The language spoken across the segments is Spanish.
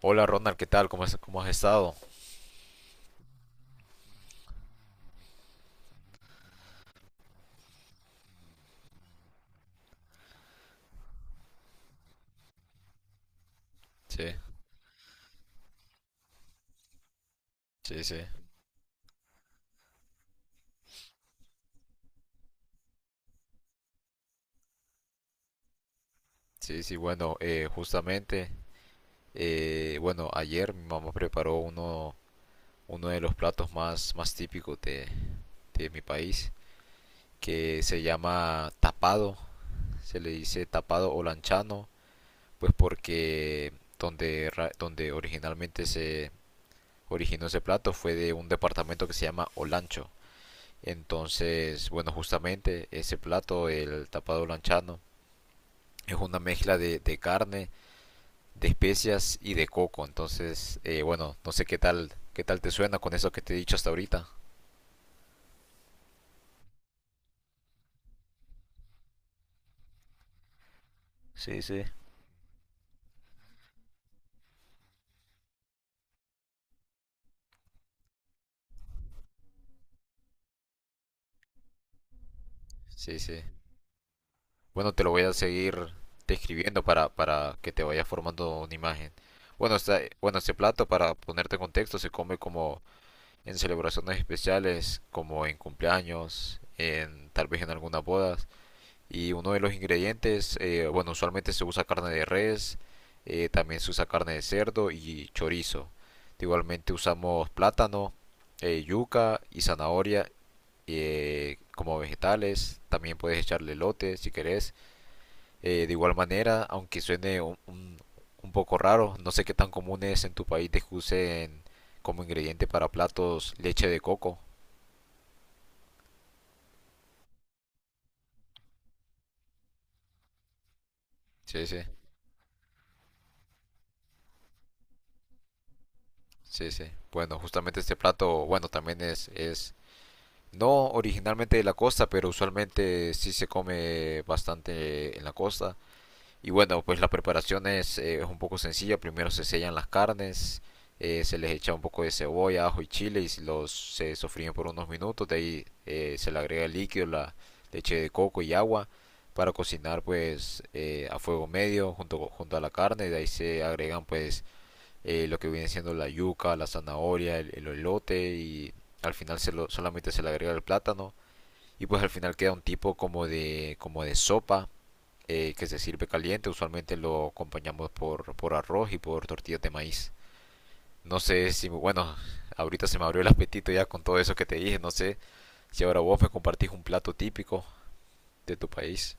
Hola Ronald, ¿qué tal? ¿Cómo has estado? Sí, sí, sí. Sí, sí, bueno, justamente, bueno, ayer mi mamá preparó uno de los platos más típicos de mi país, que se llama tapado, se le dice tapado o lanchano, pues porque donde originalmente se originó ese plato fue de un departamento que se llama Olancho. Entonces, bueno, justamente ese plato, el tapado lanchano, es una mezcla de carne, de especias y de coco. Entonces, bueno, no sé qué tal te suena con eso que te he dicho hasta ahorita. Sí, sí. Sí, sí. Bueno, te lo voy a seguir describiendo para que te vayas formando una imagen. Bueno, bueno, este plato, para ponerte en contexto, se come como en celebraciones especiales, como en cumpleaños, en tal vez en algunas bodas. Y uno de los ingredientes, bueno, usualmente se usa carne de res, también se usa carne de cerdo y chorizo. Igualmente usamos plátano, yuca y zanahoria como vegetales. También puedes echarle elote si querés. De igual manera, aunque suene un poco raro, no sé qué tan común es en tu país de que usen como ingrediente para platos leche de coco. Sí, sí, sí, sí. Bueno, justamente este plato, bueno, también es no originalmente de la costa, pero usualmente sí se come bastante en la costa. Y bueno, pues la preparación es un poco sencilla. Primero se sellan las carnes, se les echa un poco de cebolla, ajo y chile y los se sofríen por unos minutos. De ahí se le agrega el líquido, la leche de coco y agua para cocinar pues a fuego medio junto a la carne. De ahí se agregan pues lo que viene siendo la yuca, la zanahoria, el elote y al final solamente se le agrega el plátano. Y pues al final queda un tipo como de sopa que se sirve caliente. Usualmente lo acompañamos por arroz y por tortillas de maíz. No sé si, bueno, ahorita se me abrió el apetito ya con todo eso que te dije. No sé si ahora vos me compartís un plato típico de tu país.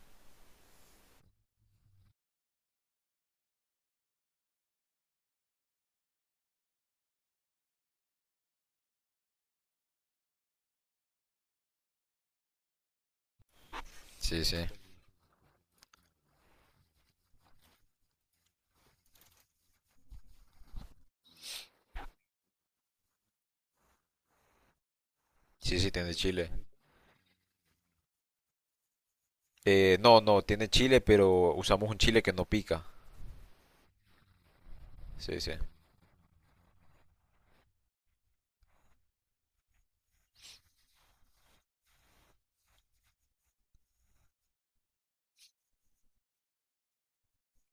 Sí, sí. Sí, sí, tiene chile. No, no, tiene chile, pero usamos un chile que no pica. Sí, sí.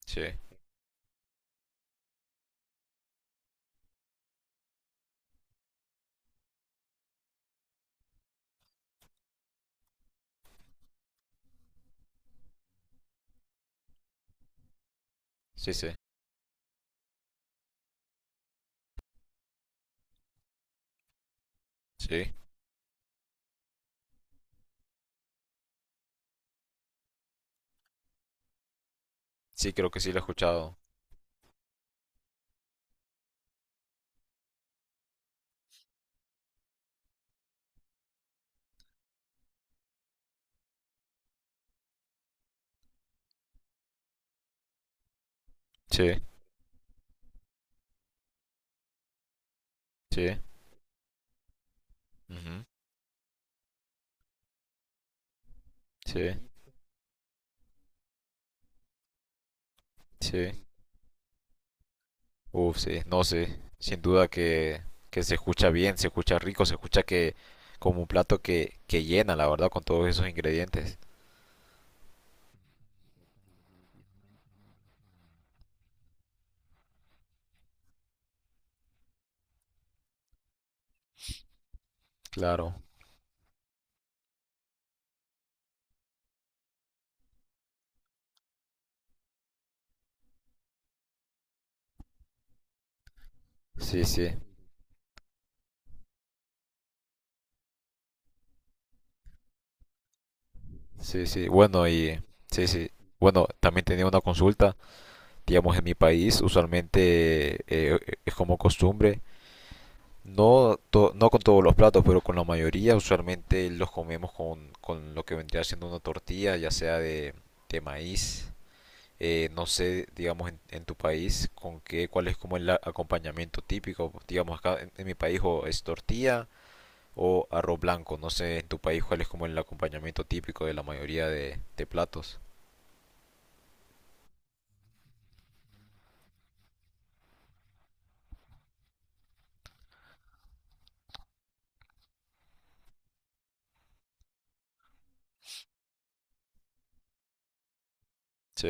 Sí, sí, sí. Sí, sí, creo que sí lo he escuchado. Sí, sí. Ujú. Sí, sí. Uf, sí, no sé. Sin duda que se escucha bien, se escucha rico, se escucha que como un plato que llena, la verdad, con todos esos ingredientes. Claro. Sí, sí, sí, sí. Bueno, y sí, sí. Bueno, también tenía una consulta, digamos, en mi país, usualmente es como costumbre, no, no con todos los platos, pero con la mayoría, usualmente los comemos con lo que vendría siendo una tortilla, ya sea de maíz. No sé, digamos, en tu país, cuál es como el acompañamiento típico. Digamos, acá en mi país o es tortilla o arroz blanco. No sé, en tu país, cuál es como el acompañamiento típico de la mayoría de platos. Sí,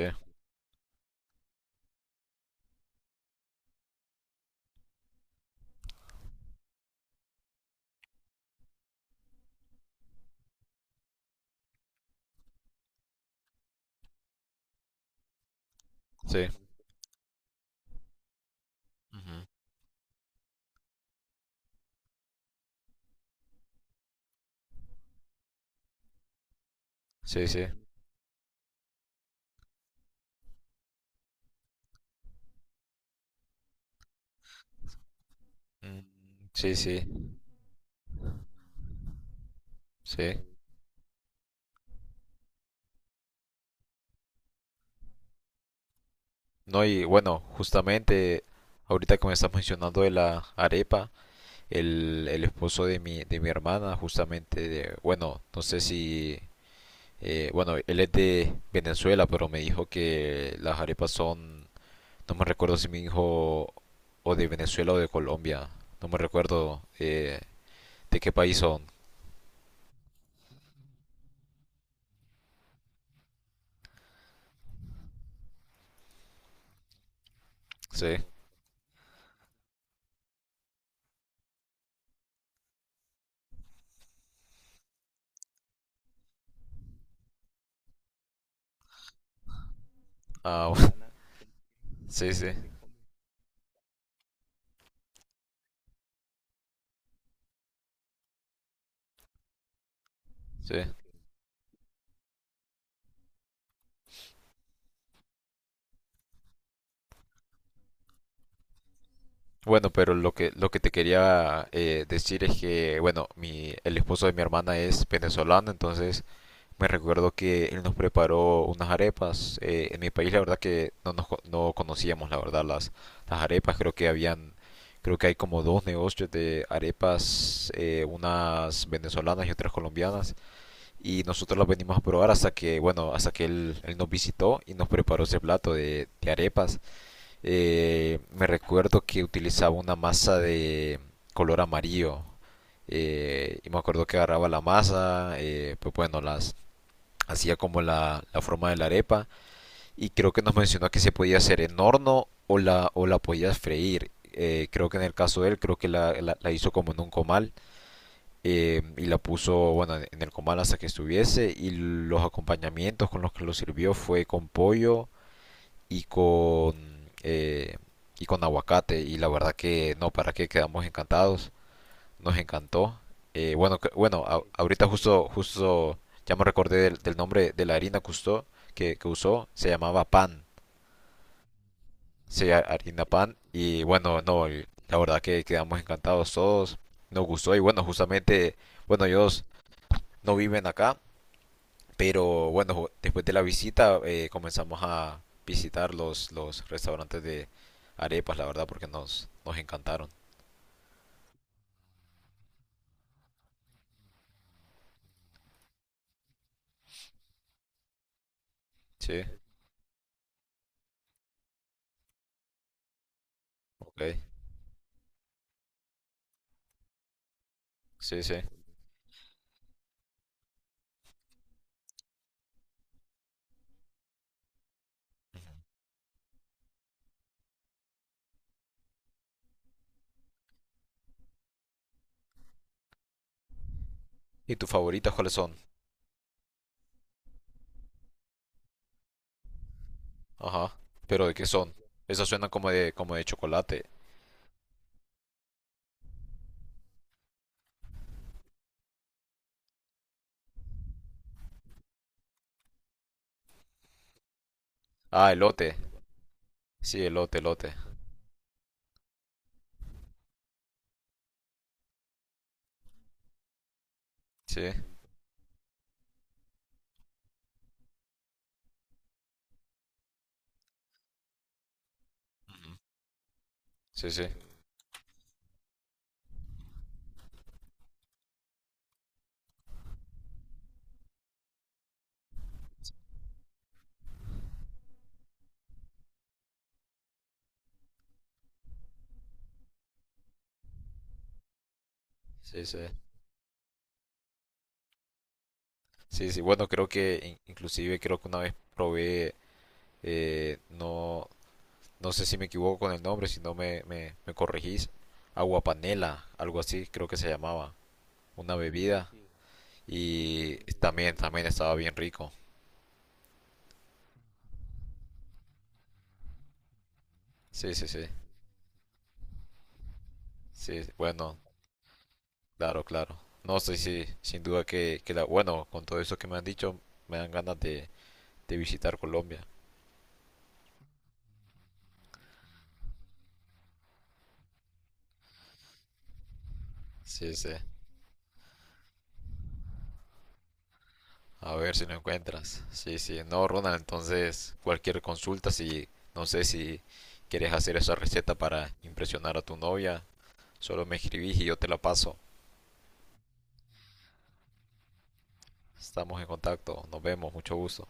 sí. Ujú. Sí, sí. Mm. Sí, sí, sí. No, y bueno, justamente ahorita que me estás mencionando de la arepa, el esposo de mi hermana, justamente, bueno, no sé si... Bueno, él es de Venezuela, pero me dijo que las arepas son, no me recuerdo si me dijo o de Venezuela o de Colombia, no me recuerdo de qué país son. Sí, ah, sí, sí, sí. Bueno, pero lo que te quería decir es que, bueno, mi el esposo de mi hermana es venezolano, entonces... Me recuerdo que él nos preparó unas arepas. En mi país la verdad que no conocíamos la verdad las arepas. Creo que hay como dos negocios de arepas, unas venezolanas y otras colombianas. Y nosotros las venimos a probar hasta que, bueno, hasta que él nos visitó y nos preparó ese plato de arepas. Me recuerdo que utilizaba una masa de color amarillo. Y me acuerdo que agarraba la masa, pues bueno, las hacía como la forma de la arepa y creo que nos mencionó que se podía hacer en horno o la podías freír. Creo que en el caso de él, creo que la hizo como en un comal y la puso, bueno, en el comal hasta que estuviese y los acompañamientos con los que lo sirvió fue con pollo y y con aguacate y la verdad que no, para qué, quedamos encantados, nos encantó. Bueno, bueno, ahorita justo ya me recordé del nombre de la harina que usó, se llamaba pan, se llama harina pan y bueno, no, la verdad que quedamos encantados todos, nos gustó y bueno, justamente, bueno, ellos no viven acá, pero bueno, después de la visita comenzamos a visitar los restaurantes de arepas, la verdad, porque nos encantaron. Sí, ok, sí, sí. ¿Y tus favoritas cuáles son? Ajá. ¿Pero de qué son? Esas suenan como de chocolate. Ah, elote. Sí, elote, elote. Sí. Ujú. Sí, sí. Sí, sí. Sí, sí. Bueno, creo que inclusive creo que una vez probé, no, no sé si me equivoco con el nombre, si no me corregís. Agua panela, algo así creo que se llamaba. Una bebida. Y también estaba bien rico. Sí, sí, sí. Sí, bueno. Claro, claro. No sé si, sin duda que la, bueno, con todo eso que me han dicho, me dan ganas de visitar Colombia. Sí, sí. A ver si lo encuentras. Sí, sí. No, Ronald, entonces cualquier consulta, si no sé si quieres hacer esa receta para impresionar a tu novia, solo me escribís y yo te la paso. Estamos en contacto. Nos vemos. Mucho gusto.